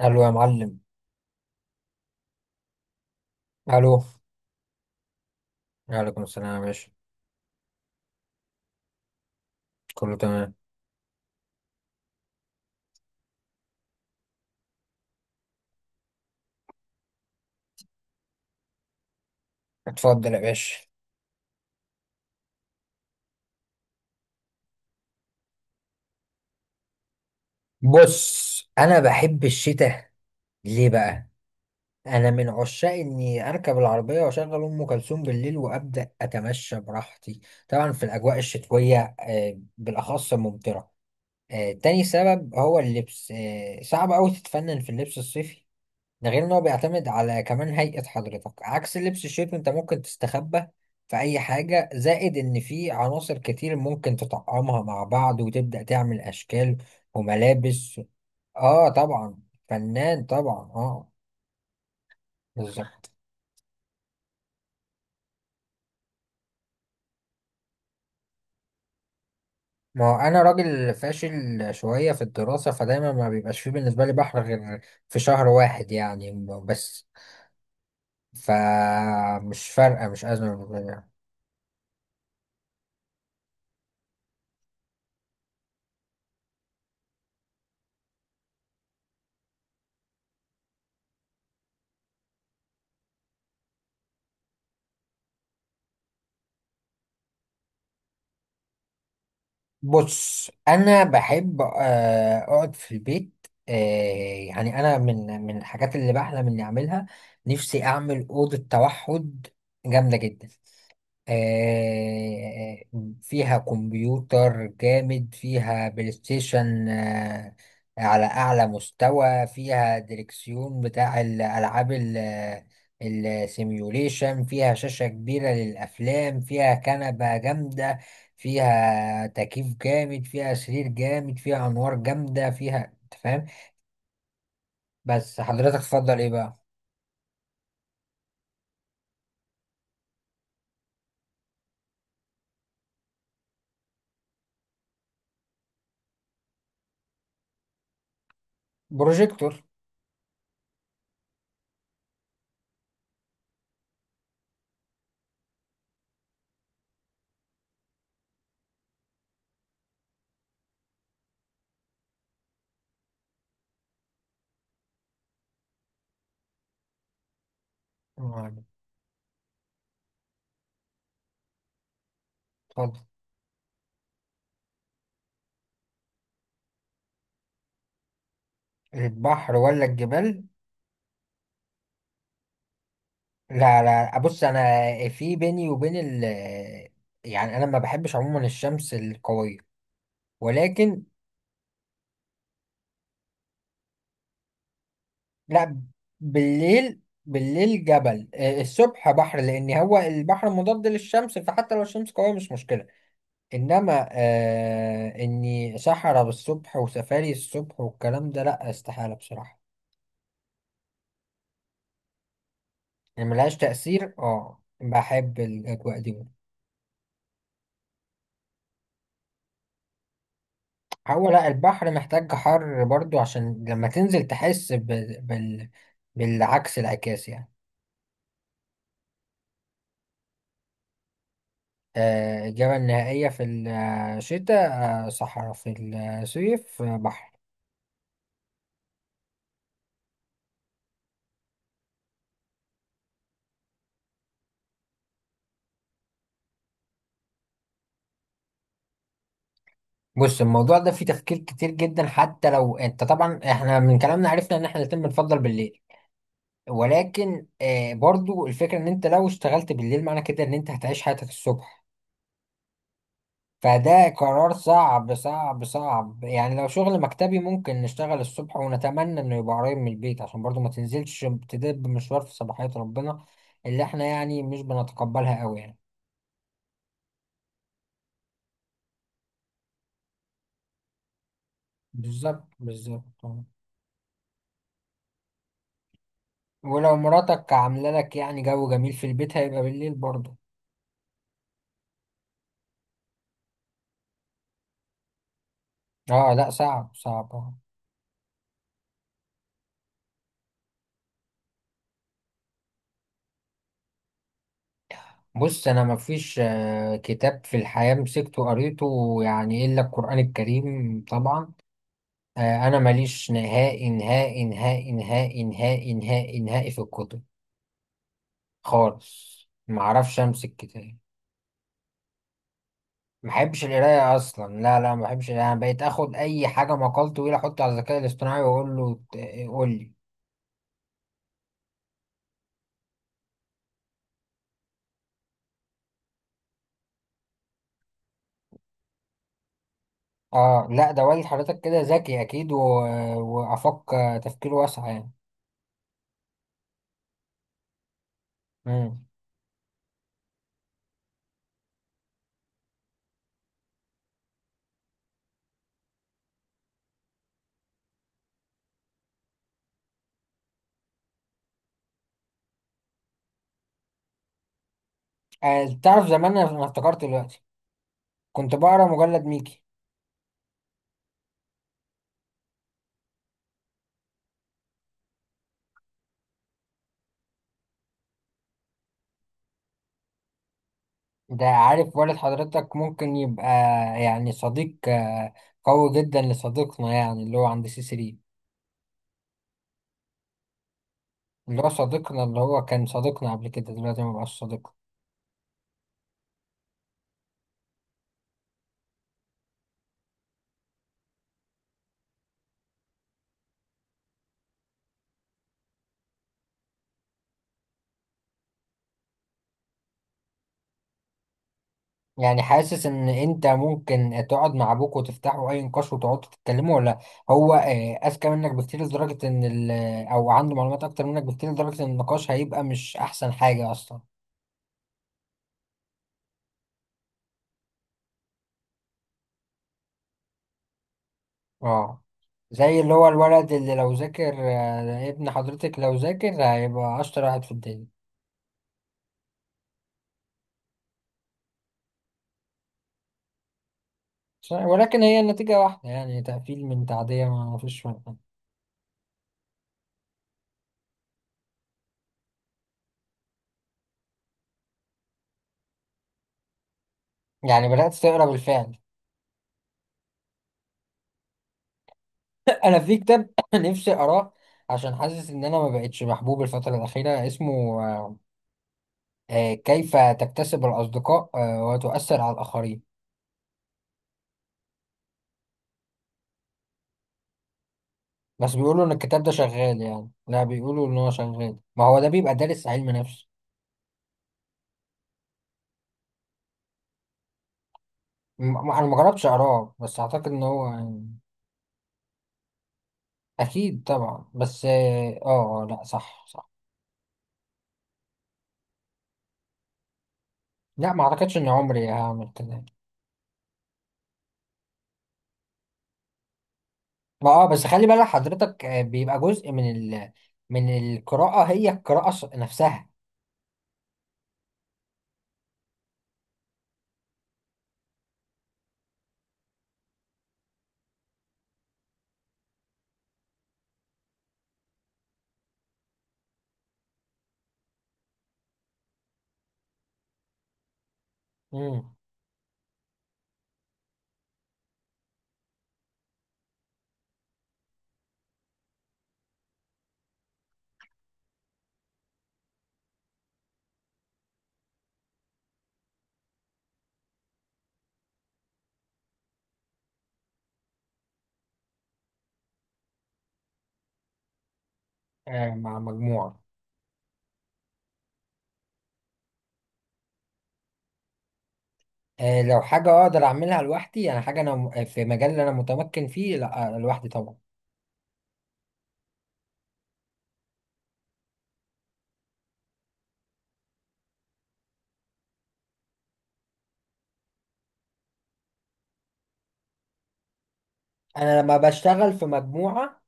الو يا معلم. الو. وعليكم السلام يا باشا. كله تمام. اتفضل يا باشا. بص، انا بحب الشتاء. ليه بقى؟ انا من عشاق اني اركب العربيه واشغل ام كلثوم بالليل وابدا اتمشى براحتي. طبعا في الاجواء الشتويه، بالاخص ممطره. تاني سبب هو اللبس، صعب قوي تتفنن في اللبس الصيفي. ده غير ان هو بيعتمد على كمان هيئة حضرتك، عكس لبس الشيف انت ممكن تستخبى في اي حاجة، زائد ان في عناصر كتير ممكن تطعمها مع بعض وتبدأ تعمل اشكال وملابس. اه طبعا. فنان طبعا، اه. بالظبط. ما هو انا راجل فاشل شوية في الدراسة، فدايما ما بيبقاش فيه بالنسبة لي بحر غير في شهر واحد يعني بس. فمش فارقة، مش أزمة بالنسبة لي. بص، انا بحب اقعد في البيت. يعني انا من الحاجات اللي بحلم اني اعملها. نفسي اعمل اوضه توحد جامده جدا. آه، فيها كمبيوتر جامد، فيها بلاي ستيشن، على أعلى مستوى، فيها دريكسيون بتاع الألعاب السيميوليشن، فيها شاشة كبيرة للأفلام، فيها كنبة جامدة، فيها تكييف جامد، فيها سرير جامد، فيها أنوار جامدة، فيها أنت فاهم. بس حضرتك تفضل إيه بقى؟ بروجيكتور. آه، اتفضل. البحر ولا الجبال. لا، لا، بص انا في بيني وبين ال، يعني انا ما بحبش عموما الشمس القوية، ولكن. لا. بالليل. بالليل جبل، الصبح بحر، لان هو البحر مضاد للشمس، فحتى لو الشمس قوية مش مشكلة. انما اني صحراء بالصبح وسفاري الصبح والكلام ده، لا، استحالة بصراحة. يعني ملهاش تأثير، اه، بحب الاجواء دي. هو لا، البحر محتاج حر برضو عشان لما تنزل تحس بالعكس، العكاس يعني. الإجابة النهائية في الشتاء، صحراء في الصيف، بحر. بص، الموضوع ده فيه تفكير كتير جدا، حتى لو انت، طبعا احنا من كلامنا عرفنا ان احنا الاتنين بنفضل بالليل، ولكن برضو الفكرة ان انت لو اشتغلت بالليل، معنى كده ان انت هتعيش حياتك الصبح. فده قرار صعب صعب صعب، يعني لو شغل مكتبي ممكن نشتغل الصبح ونتمنى انه يبقى قريب من البيت عشان برضو ما تنزلش تدب مشوار في صباحية ربنا اللي احنا يعني مش بنتقبلها قوي يعني. بالظبط بالظبط. ولو مراتك عاملة لك يعني جو جميل في البيت، هيبقى بالليل برضو. اه لا، صعب صعب. بص، انا مفيش كتاب في الحياة مسكته قريته، يعني الا القرآن الكريم طبعا. انا ماليش نهائي نهائي نهائي نهائي نهائي نهائي نهائي في الكتب، خالص. ما اعرفش امسك كتاب. ما بحبش القرايه اصلا، لا، لا، ما بحبش القراية. انا بقيت اخد اي حاجه، مقال طويل احطه على الذكاء الاصطناعي واقول له قول لي. اه لا، ده والد حضرتك كده ذكي اكيد. وافق. تفكير واسع يعني. امم. تعرف زمان أنا افتكرت دلوقتي كنت بقرا مجلد ميكي. ده عارف، والد حضرتك ممكن يبقى يعني صديق قوي جدا لصديقنا، يعني اللي هو عند سي 3. اللي هو صديقنا، اللي هو كان صديقنا قبل كده، دلوقتي ما بقاش صديقنا. يعني حاسس ان انت ممكن تقعد مع ابوك وتفتحوا اي نقاش وتقعدوا تتكلموا، ولا هو اذكى منك بكتير، لدرجة ان ال آه، او عنده معلومات اكتر منك بكتير، لدرجة ان النقاش هيبقى مش احسن حاجة اصلا. اه، زي اللي هو الولد اللي لو ذاكر ابن حضرتك لو ذاكر هيبقى اشطر واحد في الدنيا. مش عارف، ولكن هي النتيجة واحدة، يعني تقفيل من تعدية، ما فيش فرق يعني. بدأت تقرا بالفعل. أنا في كتاب نفسي أقراه عشان حاسس إن أنا ما بقتش محبوب الفترة الأخيرة، اسمه كيف تكتسب الأصدقاء وتؤثر على الآخرين. بس بيقولوا إن الكتاب ده شغال، يعني لا، بيقولوا إن هو شغال، ما هو ده بيبقى دارس علم نفس. أنا ما جربتش أقراه، بس أعتقد إن هو يعني أكيد طبعا، بس لا، صح، صح. لا، ما أعتقدش إن عمري هعمل كده. ما، بس خلي بالك حضرتك، بيبقى جزء من من القراءة، هي القراءة نفسها. امم. مع مجموعة. لو حاجة أقدر أعملها لوحدي، أنا حاجة، أنا في مجال اللي أنا متمكن فيه، لا، لوحدي طبعا. أنا لما بشتغل في مجموعة،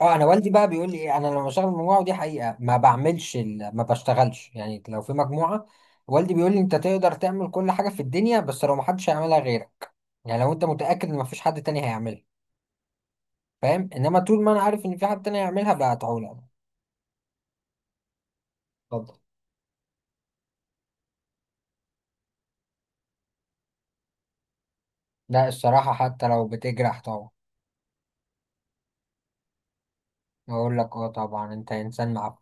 اه انا والدي بقى بيقول لي ايه، انا لما بشتغل في مجموعه، ودي حقيقه، ما بعملش ما بشتغلش، يعني لو في مجموعه. والدي بيقول لي، انت تقدر تعمل كل حاجه في الدنيا، بس لو ما حدش هيعملها غيرك، يعني لو انت متاكد ان ما فيش حد تاني هيعملها. فاهم، انما طول ما انا عارف ان في حد تاني يعملها بقطعه له. اتفضل. لا، الصراحه حتى لو بتجرح، طبعا. اقول لك اه طبعا، انت انسان معفن.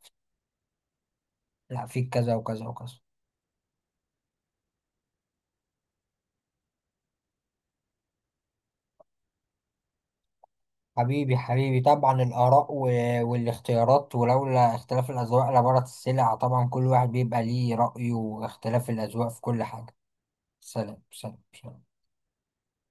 لا، فيك كذا وكذا وكذا. حبيبي حبيبي، طبعا الاراء والاختيارات، ولولا اختلاف الاذواق لبارت السلع. طبعا كل واحد بيبقى ليه رايه، واختلاف الاذواق في كل حاجه. سلام، سلام، سلام.